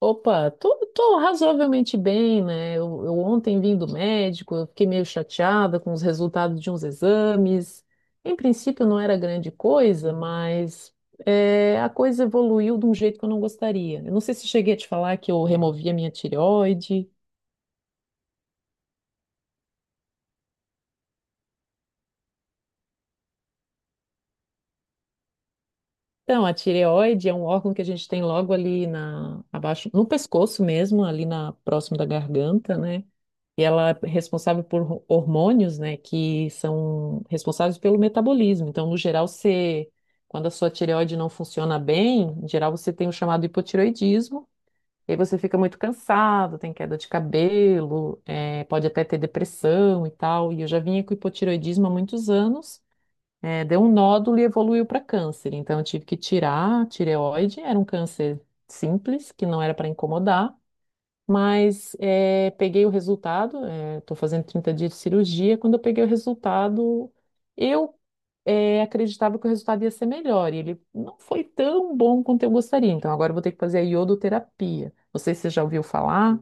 Opa, tô razoavelmente bem, né? Eu ontem vim do médico, eu fiquei meio chateada com os resultados de uns exames. Em princípio não era grande coisa, mas a coisa evoluiu de um jeito que eu não gostaria. Eu não sei se cheguei a te falar que eu removi a minha tireoide. Então, a tireoide é um órgão que a gente tem logo ali abaixo, no pescoço mesmo, ali na próximo da garganta, né? E ela é responsável por hormônios, né, que são responsáveis pelo metabolismo. Então, no geral, você, quando a sua tireoide não funciona bem, em geral você tem o chamado hipotireoidismo. E aí você fica muito cansado, tem queda de cabelo, pode até ter depressão e tal. E eu já vinha com hipotireoidismo há muitos anos, deu um nódulo e evoluiu para câncer. Então, eu tive que tirar a tireoide, era um câncer simples, que não era para incomodar. Mas peguei o resultado, estou fazendo 30 dias de cirurgia. Quando eu peguei o resultado, eu acreditava que o resultado ia ser melhor. E ele não foi tão bom quanto eu gostaria. Então agora eu vou ter que fazer a iodoterapia. Não sei se você já ouviu falar.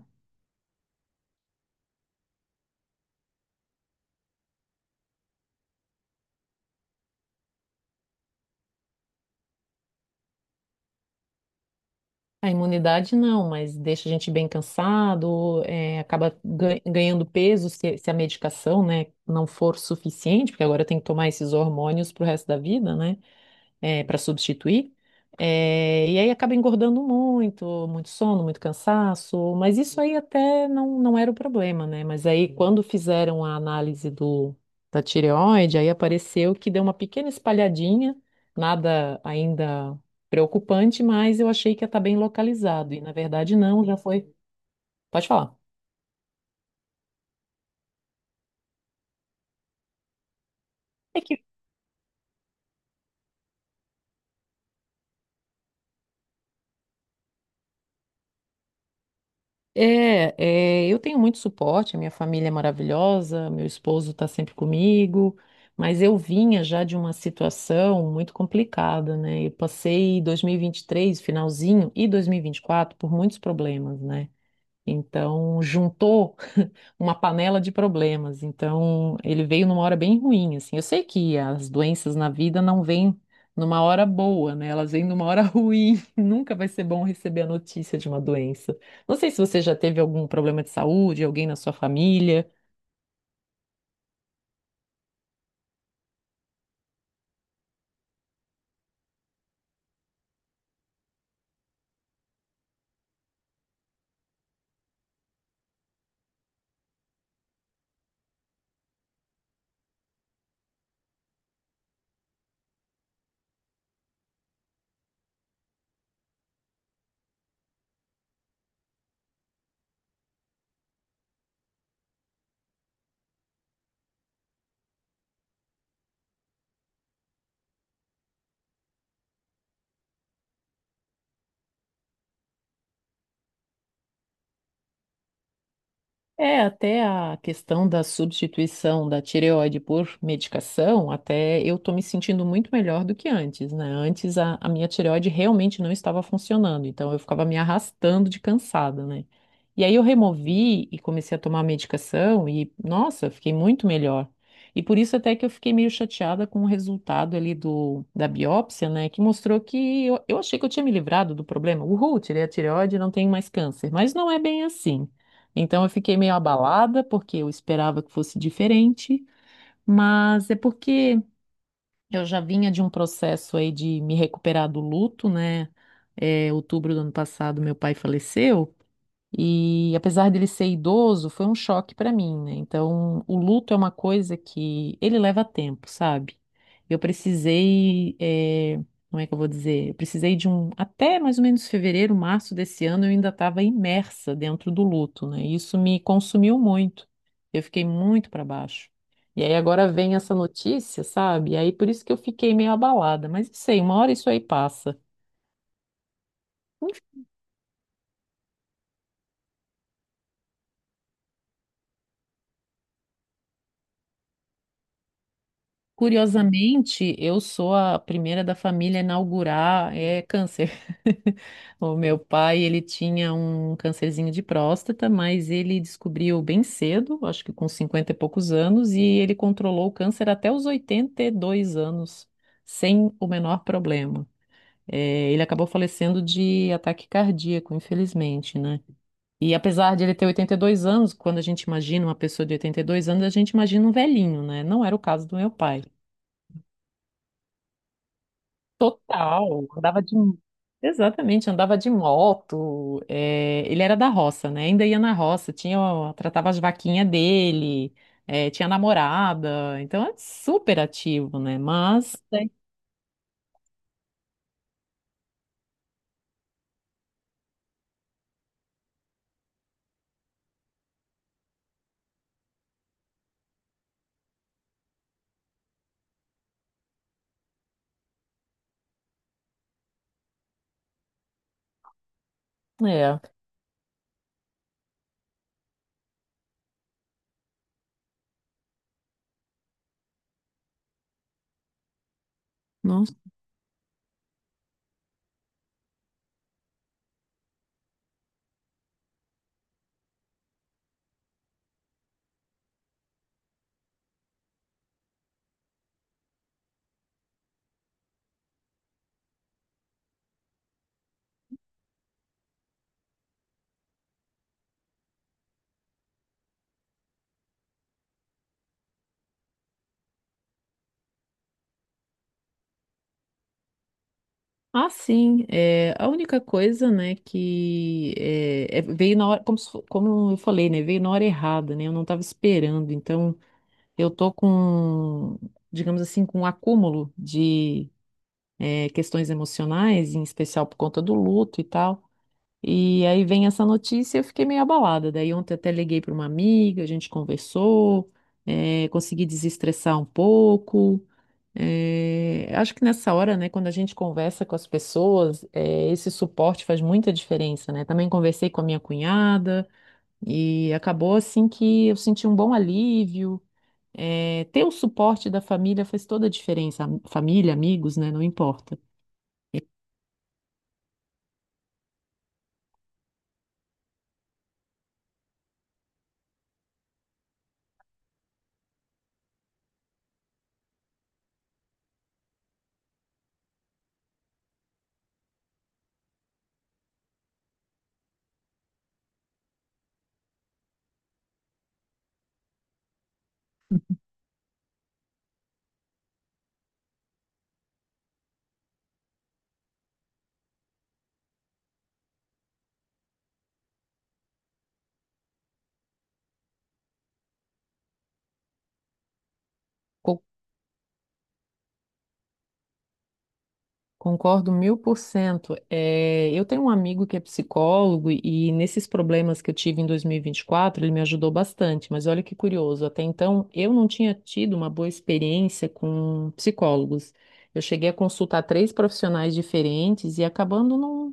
A imunidade não, mas deixa a gente bem cansado, acaba ganhando peso se a medicação, né, não for suficiente, porque agora tem que tomar esses hormônios pro resto da vida, né? Para substituir. É, e aí acaba engordando muito, muito sono, muito cansaço, mas isso aí até não era o problema, né? Mas aí quando fizeram a análise da tireoide, aí apareceu que deu uma pequena espalhadinha, nada ainda preocupante, mas eu achei que ia estar bem localizado, e na verdade não, já foi. Pode falar. Eu tenho muito suporte, a minha família é maravilhosa, meu esposo está sempre comigo, mas eu vinha já de uma situação muito complicada, né? Eu passei 2023, finalzinho, e 2024 por muitos problemas, né? Então, juntou uma panela de problemas. Então, ele veio numa hora bem ruim, assim. Eu sei que as doenças na vida não vêm numa hora boa, né? Elas vêm numa hora ruim. Nunca vai ser bom receber a notícia de uma doença. Não sei se você já teve algum problema de saúde, alguém na sua família. É, até a questão da substituição da tireoide por medicação, até eu tô me sentindo muito melhor do que antes, né? Antes a minha tireoide realmente não estava funcionando, então eu ficava me arrastando de cansada, né? E aí eu removi e comecei a tomar a medicação e, nossa, fiquei muito melhor. E por isso até que eu fiquei meio chateada com o resultado ali do, da biópsia, né? Que mostrou que eu achei que eu tinha me livrado do problema. Uhul, tirei a tireoide, não tenho mais câncer. Mas não é bem assim. Então eu fiquei meio abalada porque eu esperava que fosse diferente, mas é porque eu já vinha de um processo aí de me recuperar do luto, né? É, outubro do ano passado meu pai faleceu e apesar dele ser idoso, foi um choque para mim, né? Então, o luto é uma coisa que ele leva tempo, sabe? Eu precisei, como é que eu vou dizer? Eu precisei de um, até mais ou menos fevereiro, março desse ano, eu ainda estava imersa dentro do luto, né? E isso me consumiu muito. Eu fiquei muito para baixo. E aí agora vem essa notícia, sabe? E aí por isso que eu fiquei meio abalada, mas não sei, uma hora isso aí passa. Curiosamente, eu sou a primeira da família a inaugurar é, câncer. O meu pai, ele tinha um câncerzinho de próstata, mas ele descobriu bem cedo, acho que com 50 e poucos anos, e ele controlou o câncer até os 82 anos, sem o menor problema. É, ele acabou falecendo de ataque cardíaco, infelizmente, né? E apesar de ele ter 82 anos, quando a gente imagina uma pessoa de 82 anos, a gente imagina um velhinho, né? Não era o caso do meu pai. Total, andava de. Exatamente, andava de moto. É, ele era da roça, né? Ainda ia na roça, tinha, ó, tratava as vaquinhas dele, é, tinha namorada, então é super ativo, né? Mas é, não. Ah, sim, é, a única coisa, né, que veio na hora, como, se fo- como eu falei, né, veio na hora errada, né, eu não estava esperando, então eu tô com, digamos assim, com um acúmulo de questões emocionais, em especial por conta do luto e tal. E aí vem essa notícia e eu fiquei meio abalada. Daí ontem até liguei para uma amiga, a gente conversou, consegui desestressar um pouco. Acho que nessa hora, né, quando a gente conversa com as pessoas, esse suporte faz muita diferença, né? Também conversei com a minha cunhada e acabou assim que eu senti um bom alívio. Ter o suporte da família faz toda a diferença. Família, amigos, né? Não importa. Co- Concordo 1000%. É, eu tenho um amigo que é psicólogo e nesses problemas que eu tive em 2024, ele me ajudou bastante. Mas olha que curioso, até então eu não tinha tido uma boa experiência com psicólogos. Eu cheguei a consultar três profissionais diferentes e acabando não,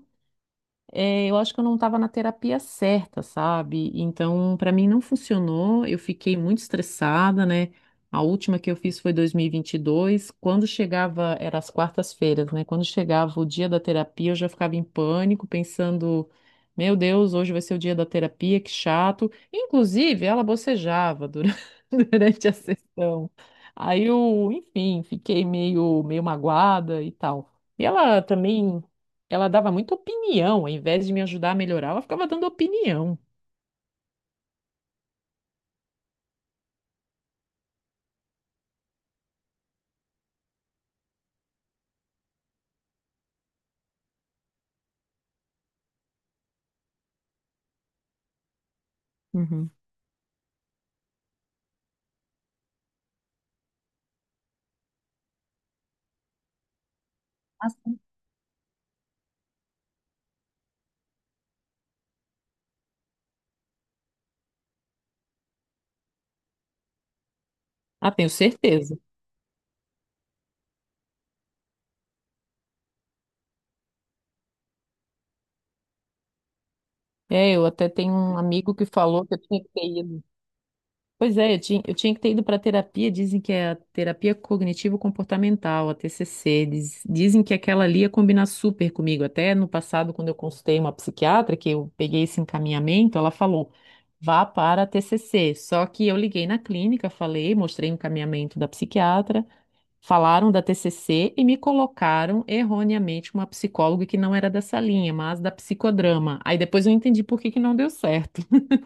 é, eu acho que eu não estava na terapia certa, sabe? Então, para mim não funcionou. Eu fiquei muito estressada, né? A última que eu fiz foi dois mil e vinte e dois. Quando chegava, era as quartas-feiras, né? Quando chegava o dia da terapia, eu já ficava em pânico, pensando: meu Deus, hoje vai ser o dia da terapia, que chato. Inclusive, ela bocejava durante, durante a sessão. Aí eu, enfim, fiquei meio magoada e tal. E ela também. Ela dava muita opinião, ao invés de me ajudar a melhorar, ela ficava dando opinião. Uhum. Ah, sim. Ah, tenho certeza. É, eu até tenho um amigo que falou que eu tinha que ter ido. Pois é, eu tinha que ter ido para terapia. Dizem que é a terapia cognitivo-comportamental, a TCC. Dizem que aquela ali ia combinar super comigo. Até no passado, quando eu consultei uma psiquiatra, que eu peguei esse encaminhamento, ela falou: vá para a TCC. Só que eu liguei na clínica, falei, mostrei o encaminhamento da psiquiatra. Falaram da TCC e me colocaram erroneamente uma psicóloga que não era dessa linha, mas da psicodrama. Aí depois eu entendi por que que não deu certo.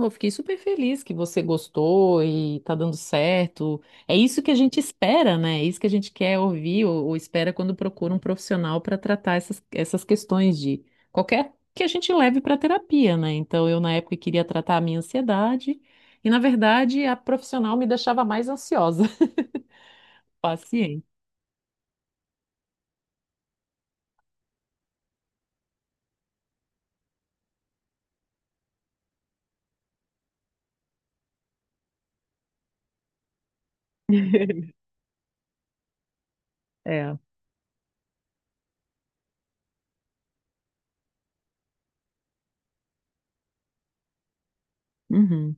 Eu fiquei super feliz que você gostou e tá dando certo. É isso que a gente espera, né? É isso que a gente quer ouvir ou espera quando procura um profissional para tratar essas questões de qualquer que a gente leve para terapia, né? Então eu na época queria tratar a minha ansiedade e na verdade a profissional me deixava mais ansiosa. Paciente. É. Uhum.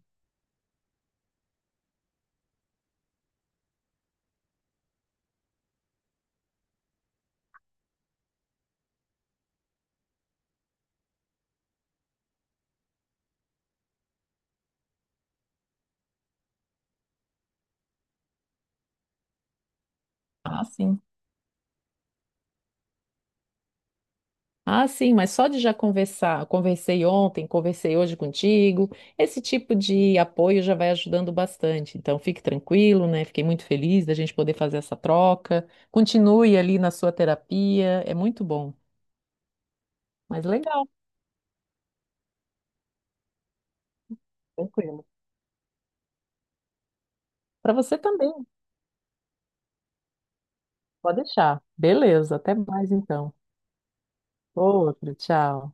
Ah, sim. Ah, sim, mas só de já conversar, conversei ontem, conversei hoje contigo, esse tipo de apoio já vai ajudando bastante. Então, fique tranquilo, né? Fiquei muito feliz da gente poder fazer essa troca. Continue ali na sua terapia, é muito bom. Mas legal, tranquilo. Para você também, pode deixar. Beleza, até mais então. Outro, tchau.